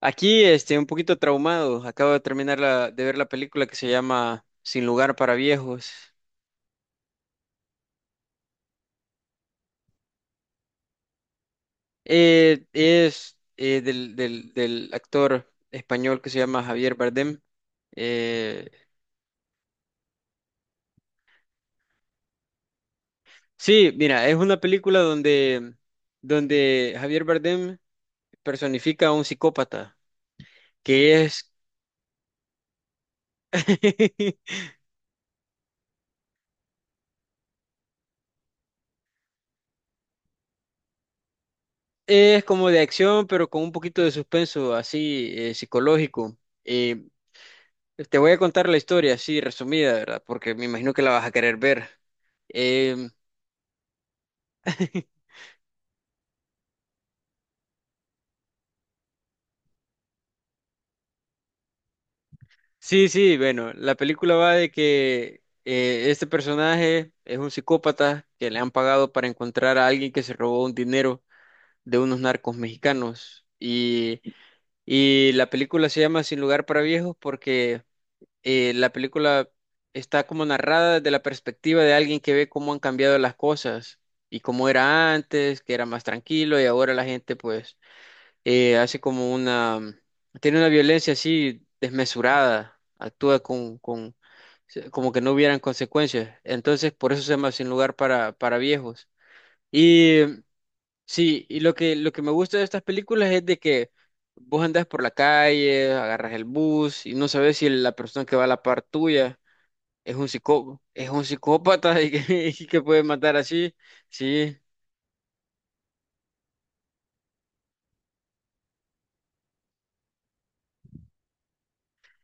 Aquí, un poquito traumado. Acabo de terminar de ver la película que se llama Sin lugar para viejos. Es del actor español que se llama Javier Bardem. Eh, sí, mira, es una película donde Javier Bardem personifica a un psicópata, que es, es como de acción, pero con un poquito de suspenso así psicológico. Eh, Te voy a contar la historia así resumida, ¿verdad? Porque me imagino que la vas a querer ver. Em, sí, sí, bueno, la película va de que este personaje es un psicópata que le han pagado para encontrar a alguien que se robó un dinero de unos narcos mexicanos. Y la película se llama Sin lugar para viejos porque la película está como narrada desde la perspectiva de alguien que ve cómo han cambiado las cosas y cómo era antes, que era más tranquilo y ahora la gente pues eh, hace como una, tiene una violencia así desmesurada, actúa como que no hubieran consecuencias. Entonces, por eso se llama Sin lugar para viejos. Y sí, y lo que me gusta de estas películas es de que vos andás por la calle, agarras el bus y no sabes si la persona que va a la par tuya es un psicópata y que puede matar así. Sí.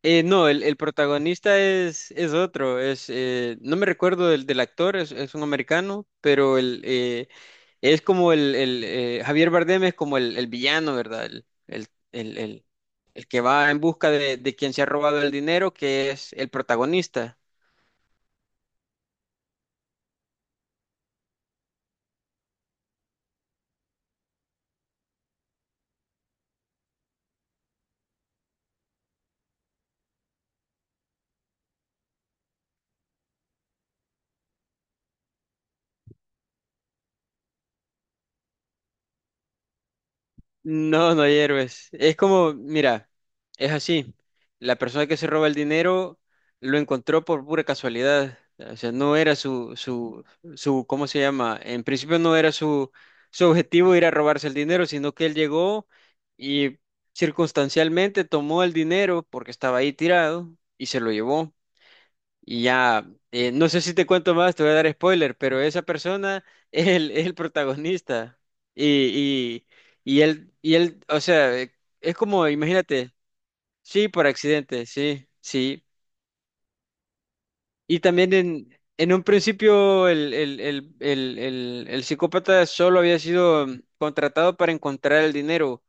No, el protagonista es otro, es, no me recuerdo del actor, es un americano, pero el, es como el, Javier Bardem es como el villano, ¿verdad? El que va en busca de quien se ha robado el dinero, que es el protagonista. No, no hay héroes. Es como, mira, es así. La persona que se roba el dinero lo encontró por pura casualidad. O sea, no era ¿cómo se llama? En principio no era su, su objetivo ir a robarse el dinero, sino que él llegó y circunstancialmente tomó el dinero porque estaba ahí tirado y se lo llevó. Y ya, no sé si te cuento más, te voy a dar spoiler, pero esa persona es es el protagonista. Y, y, y él, o sea, es como, imagínate, sí, por accidente, sí, sí. Y también en un principio el psicópata solo había sido mm, contratado para encontrar el dinero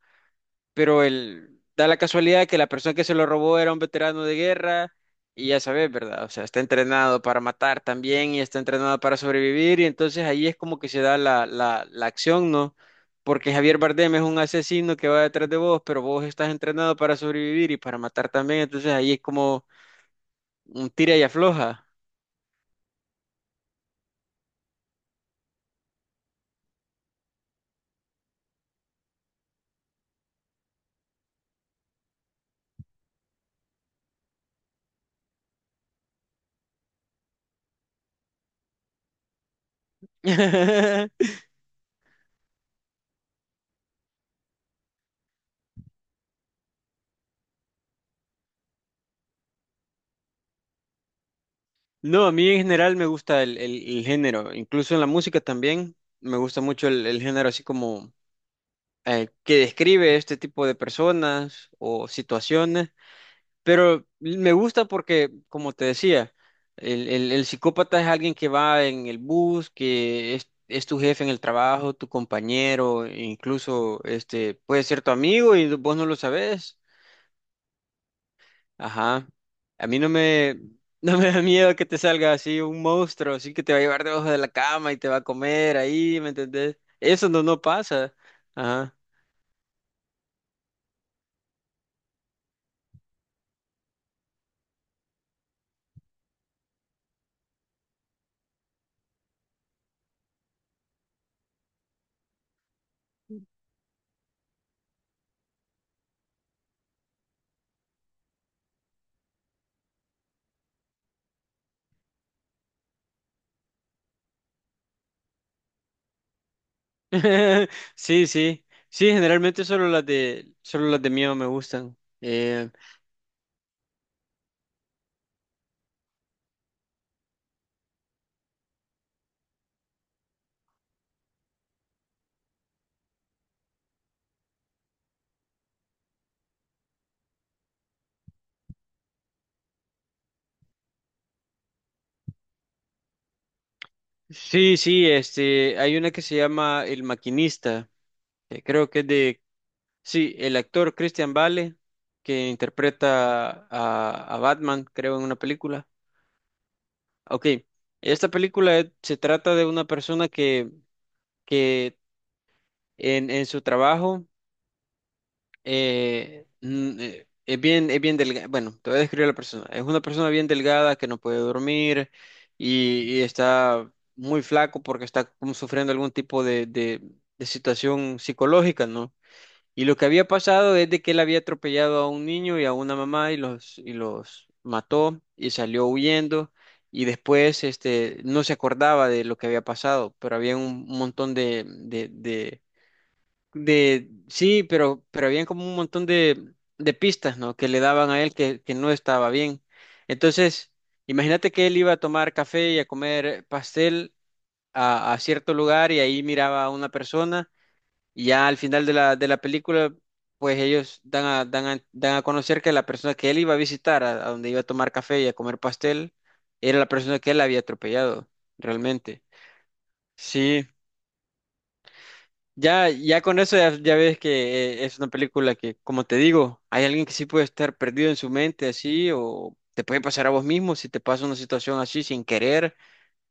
pero el, da la casualidad que la persona que se lo robó era un veterano de guerra y ya sabes, ¿verdad? O sea, está entrenado para matar también y está entrenado para sobrevivir y entonces ahí es como que se da la acción, ¿no? Porque Javier Bardem es un asesino que va detrás de vos, pero vos estás entrenado para sobrevivir y para matar también, entonces ahí es como un tira y afloja. No, a mí en general me gusta el género, incluso en la música también me gusta mucho el género así como que describe este tipo de personas o situaciones, pero me gusta porque, como te decía, el psicópata es alguien que va en el bus, es tu jefe en el trabajo, tu compañero, e incluso este, puede ser tu amigo y vos no lo sabes. Ajá. A mí no me da miedo que te salga así un monstruo, así que te va a llevar debajo de la cama y te va a comer ahí, ¿me entendés? Eso no, no pasa. Ajá. Sí, sí, sí, generalmente solo las de miedo me gustan. Sí, sí, este, hay una que se llama El Maquinista, que creo que es de, sí, el actor Christian Bale, que interpreta a Batman, creo, en una película. Ok, esta película se trata de una persona que en su trabajo. Es bien delgada. Bueno, te voy a describir a la persona. Es una persona bien delgada que no puede dormir y está muy flaco porque está como sufriendo algún tipo de situación psicológica, ¿no? Y lo que había pasado es de que él había atropellado a un niño y a una mamá y y los mató y salió huyendo. Y después este, no se acordaba de lo que había pasado, pero había un montón sí, pero habían como un montón de pistas, ¿no? Que le daban a él que no estaba bien. Entonces, imagínate que él iba a tomar café y a comer pastel a cierto lugar y ahí miraba a una persona y ya al final de la película, pues ellos dan a conocer que la persona que él iba a visitar, a donde iba a tomar café y a comer pastel, era la persona que él había atropellado, realmente. Sí. Ya, ya con eso ya, ya ves que es una película que, como te digo, hay alguien que sí puede estar perdido en su mente así, o te puede pasar a vos mismo si te pasa una situación así sin querer.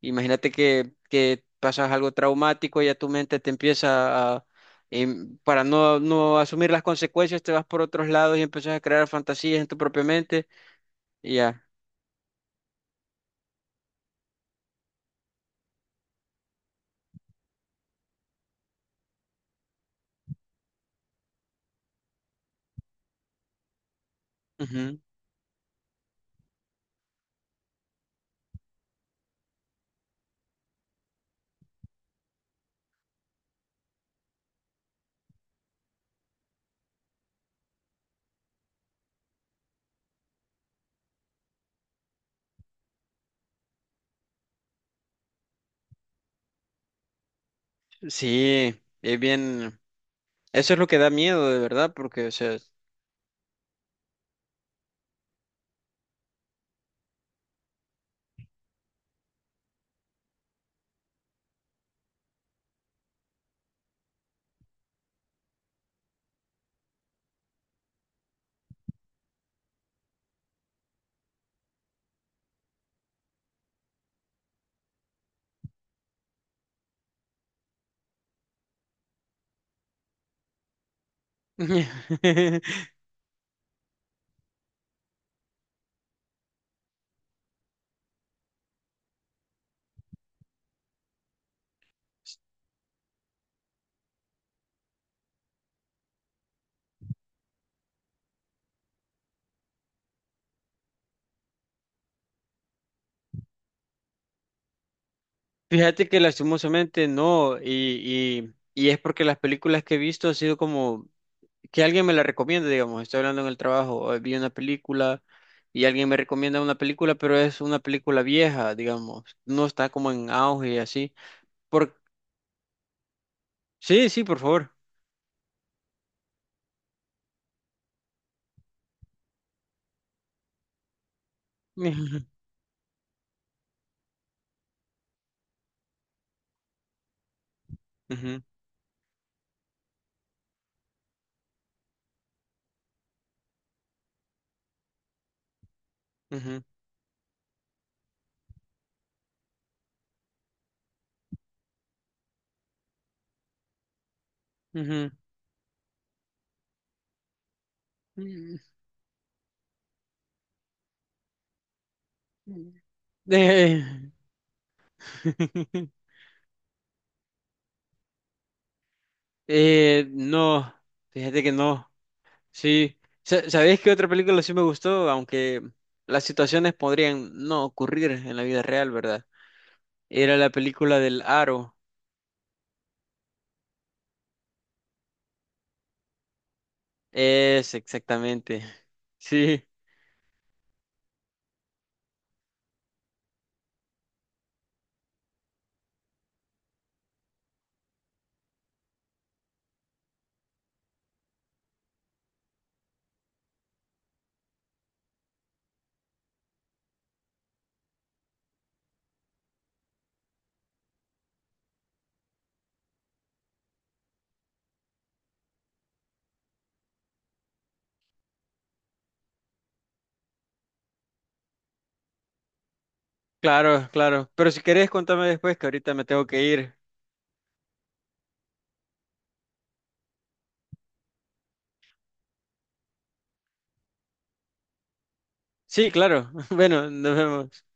Imagínate que pasas algo traumático y ya tu mente te empieza a, para no asumir las consecuencias, te vas por otros lados y empiezas a crear fantasías en tu propia mente y ya. Ujú. Sí, es bien, eso es lo que da miedo de verdad, porque, o sea... Fíjate que lastimosamente no, y es porque las películas que he visto ha sido como que alguien me la recomienda, digamos, estoy hablando en el trabajo, vi una película y alguien me recomienda una película, pero es una película vieja, digamos, no está como en auge y así. Por... Sí, sí, por favor. Ujú, ujú, ujú, ujú. Mm. Eh, no, fíjate que no. Sí. Sa- ¿sabéis qué otra película sí me gustó? Aunque las situaciones podrían no ocurrir en la vida real, ¿verdad? Era la película del Aro. Es exactamente. Sí, claro, claro. Pero si querés, contame después, que ahorita me tengo que ir. Sí, claro. Bueno, nos vemos.